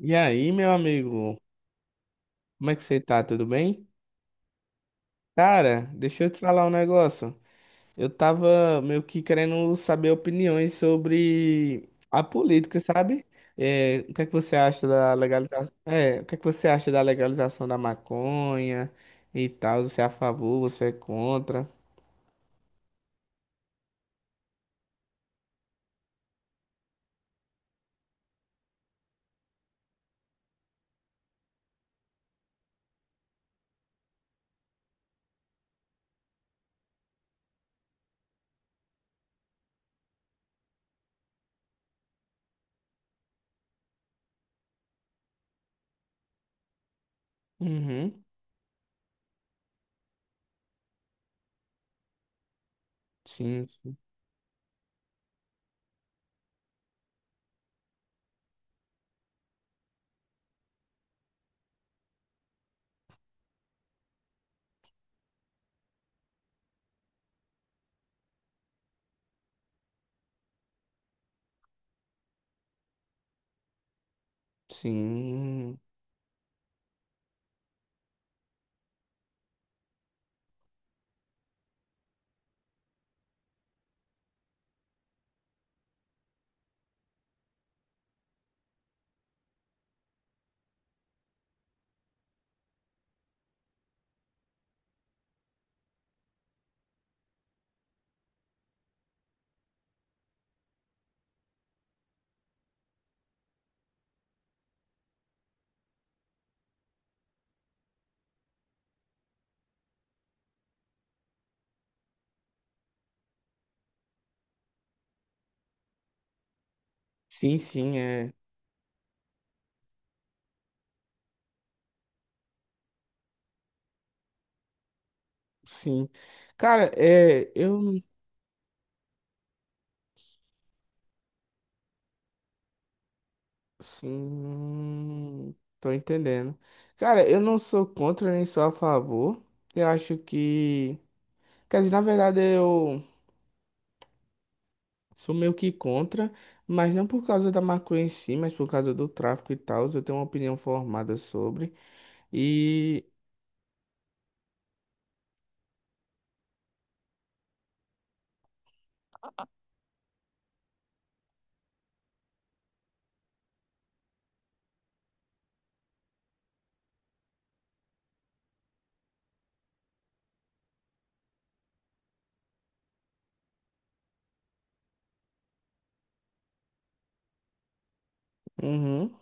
E aí, meu amigo, como é que você tá? Tudo bem? Cara, deixa eu te falar um negócio. Eu tava meio que querendo saber opiniões sobre a política, sabe? É, o que é que você acha da legalização? É, o que é que você acha da legalização da maconha e tal? Você é a favor, você é contra? Uhum. Sim, sim. Sim, sim, sim, é. Sim. Cara, é, eu. Sim, tô entendendo. Cara, eu não sou contra nem sou a favor. Eu acho que. Quer dizer, na verdade eu sou meio que contra, mas não por causa da maconha em si, mas por causa do tráfico e tal. Eu tenho uma opinião formada sobre. E. Uhum.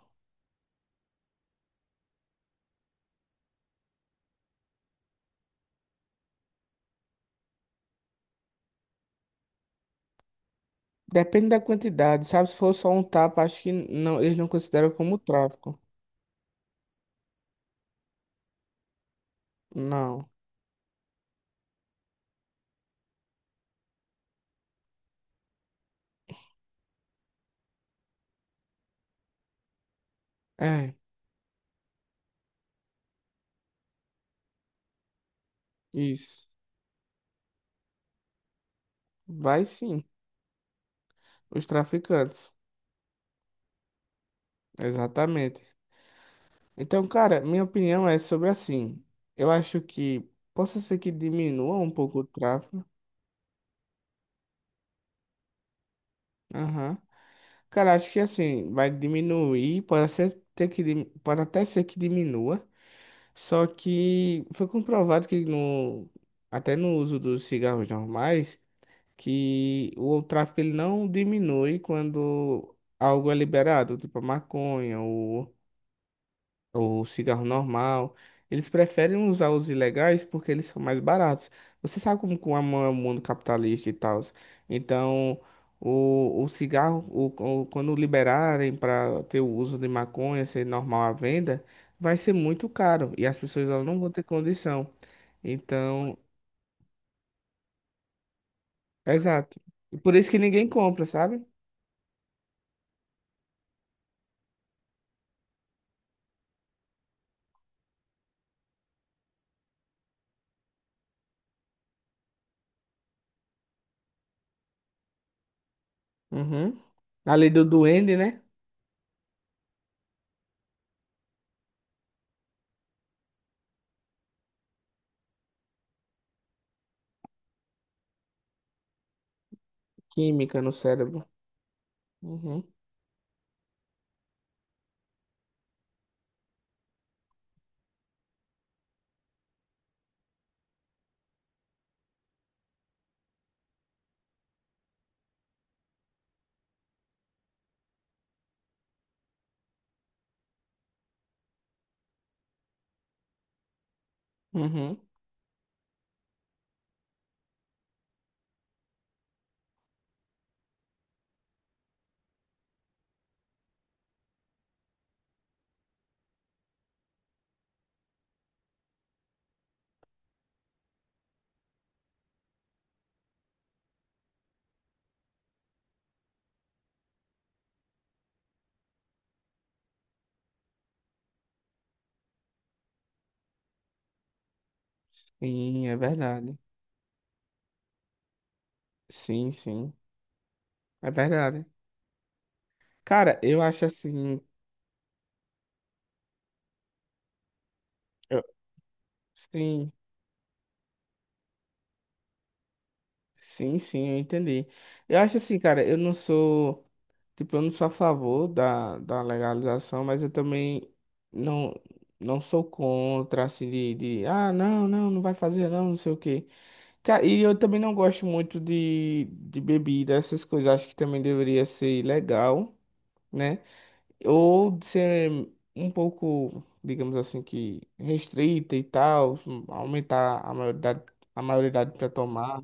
Depende da quantidade, sabe? Se for só um tapa, acho que não, eles não consideram como tráfico. Não. É, isso. Vai sim, os traficantes. Exatamente. Então, cara, minha opinião é sobre assim. Eu acho que possa ser que diminua um pouco o tráfego. Aham. Cara, acho que assim, vai diminuir, pode ser ter que, pode até ser que diminua. Só que foi comprovado que até no uso dos cigarros normais, que o tráfico ele não diminui quando algo é liberado, tipo a maconha, o cigarro normal. Eles preferem usar os ilegais porque eles são mais baratos. Você sabe como que é o mundo capitalista e tal. Então, o cigarro, quando liberarem para ter o uso de maconha, ser normal à venda, vai ser muito caro e as pessoas elas não vão ter condição. Então, exato. E por isso que ninguém compra, sabe? Uhum. A lei do duende, né? Química no cérebro. Uhum. Uhum. Sim, é verdade. Sim, sim. É verdade. Cara, eu acho assim. eu- Sim, sim, sim, eu entendi. Eu acho assim, cara, eu não sou. Tipo, eu não sou a favor da legalização, mas eu também não, não sou contra, assim, de. Ah, não, não, não vai fazer, não, não sei o quê. E eu também não gosto muito de bebida, essas coisas. Acho que também deveria ser legal, né? Ou ser um pouco, digamos assim, que restrita e tal, aumentar a maioridade para tomar.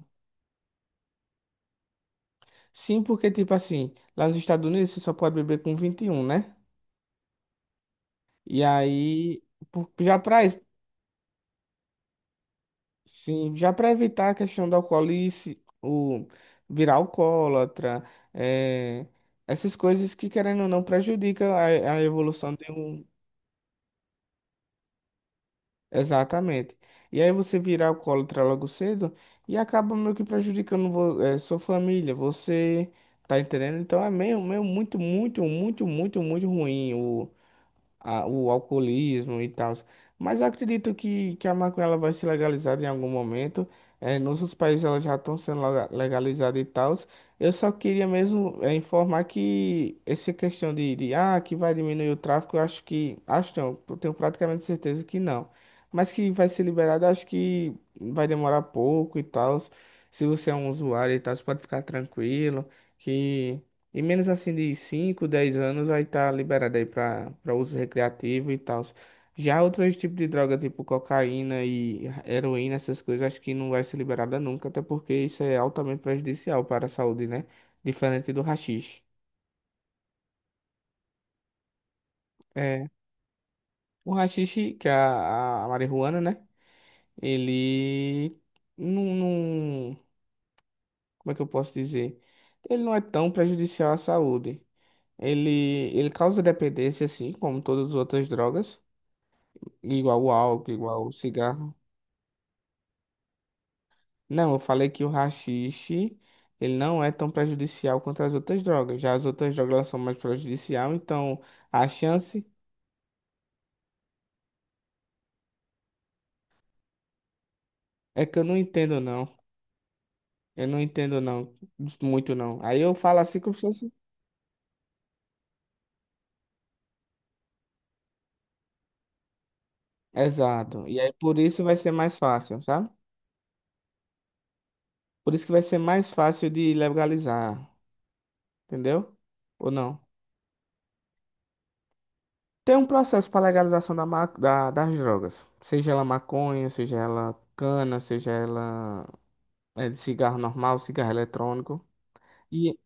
Sim, porque, tipo assim, lá nos Estados Unidos você só pode beber com 21, né? E aí, já para sim, já para evitar a questão do alcoolice, o virar alcoólatra, eh, essas coisas que, querendo ou não, prejudica a evolução de um. Exatamente. E aí você virar alcoólatra logo cedo e acaba meio que prejudicando sua família, você tá entendendo? Então é meio muito, muito, muito, muito, muito ruim, o alcoolismo e tal. Mas eu acredito que a maconha ela vai ser legalizada em algum momento. É, nos outros países ela já estão sendo legalizada e tal. Eu só queria mesmo é informar que essa questão de que vai diminuir o tráfico, eu acho que. Acho não, eu tenho praticamente certeza que não. Mas que vai ser liberado, eu acho que vai demorar pouco e tal. Se você é um usuário e tal, você pode ficar tranquilo. Que em menos assim de 5 10 anos vai estar liberado aí para uso recreativo e tal. Já outros tipos de droga, tipo cocaína e heroína, essas coisas, acho que não vai ser liberada nunca, até porque isso é altamente prejudicial para a saúde, né? Diferente do haxixe. É, o haxixe, que é a marihuana, né? Ele não, não- Como é que eu posso dizer? Ele não é tão prejudicial à saúde. Ele, ele causa dependência, assim, como todas as outras drogas. Igual o álcool, igual o cigarro. Não, eu falei que o haxixe, ele não é tão prejudicial quanto as outras drogas. Já as outras drogas elas são mais prejudicial, então a chance é que eu não entendo não. Eu não entendo não, muito não. Aí eu falo assim como se fosse... Exato. E aí por isso vai ser mais fácil, sabe? Por isso que vai ser mais fácil de legalizar, entendeu? Ou não? Tem um processo para legalização das drogas, seja ela maconha, seja ela cana, seja ela. É de cigarro normal, cigarro eletrônico. E,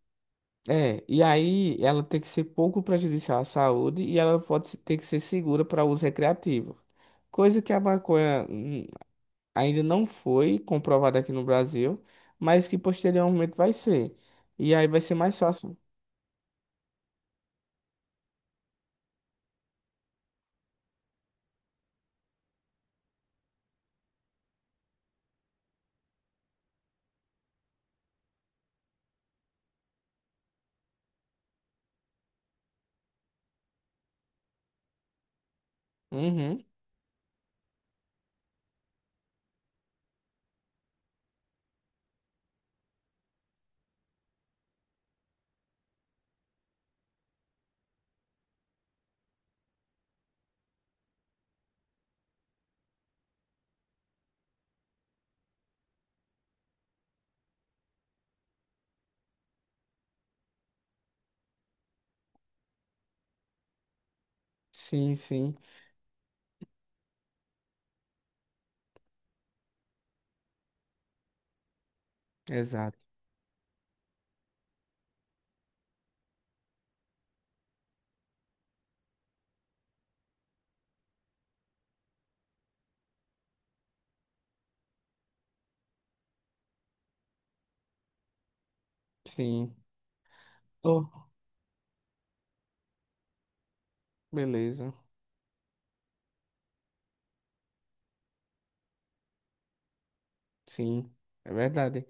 e aí ela tem que ser pouco prejudicial à saúde e ela pode ter que ser segura para uso recreativo. Coisa que a maconha ainda não foi comprovada aqui no Brasil, mas que posteriormente vai ser. E aí vai ser mais fácil. Uhum. Sim, sim. Exato. Sim. Oh, beleza. Sim. É verdade.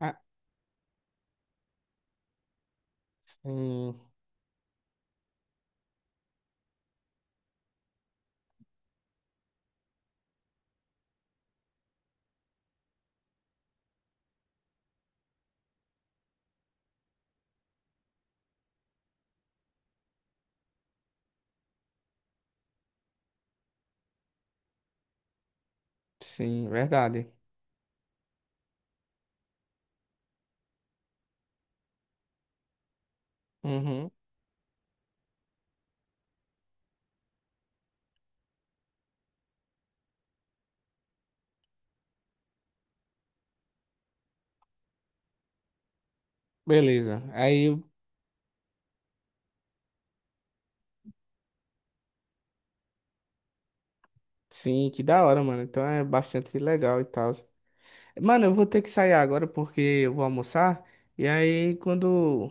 Ah, sim. Sim, verdade. Uhum. Beleza. Aí, sim, que da hora, mano. Então é bastante legal e tal. Mano, eu vou ter que sair agora porque eu vou almoçar. E aí, quando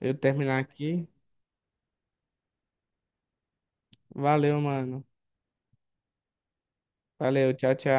eu terminar aqui, valeu, mano. Valeu, tchau, tchau.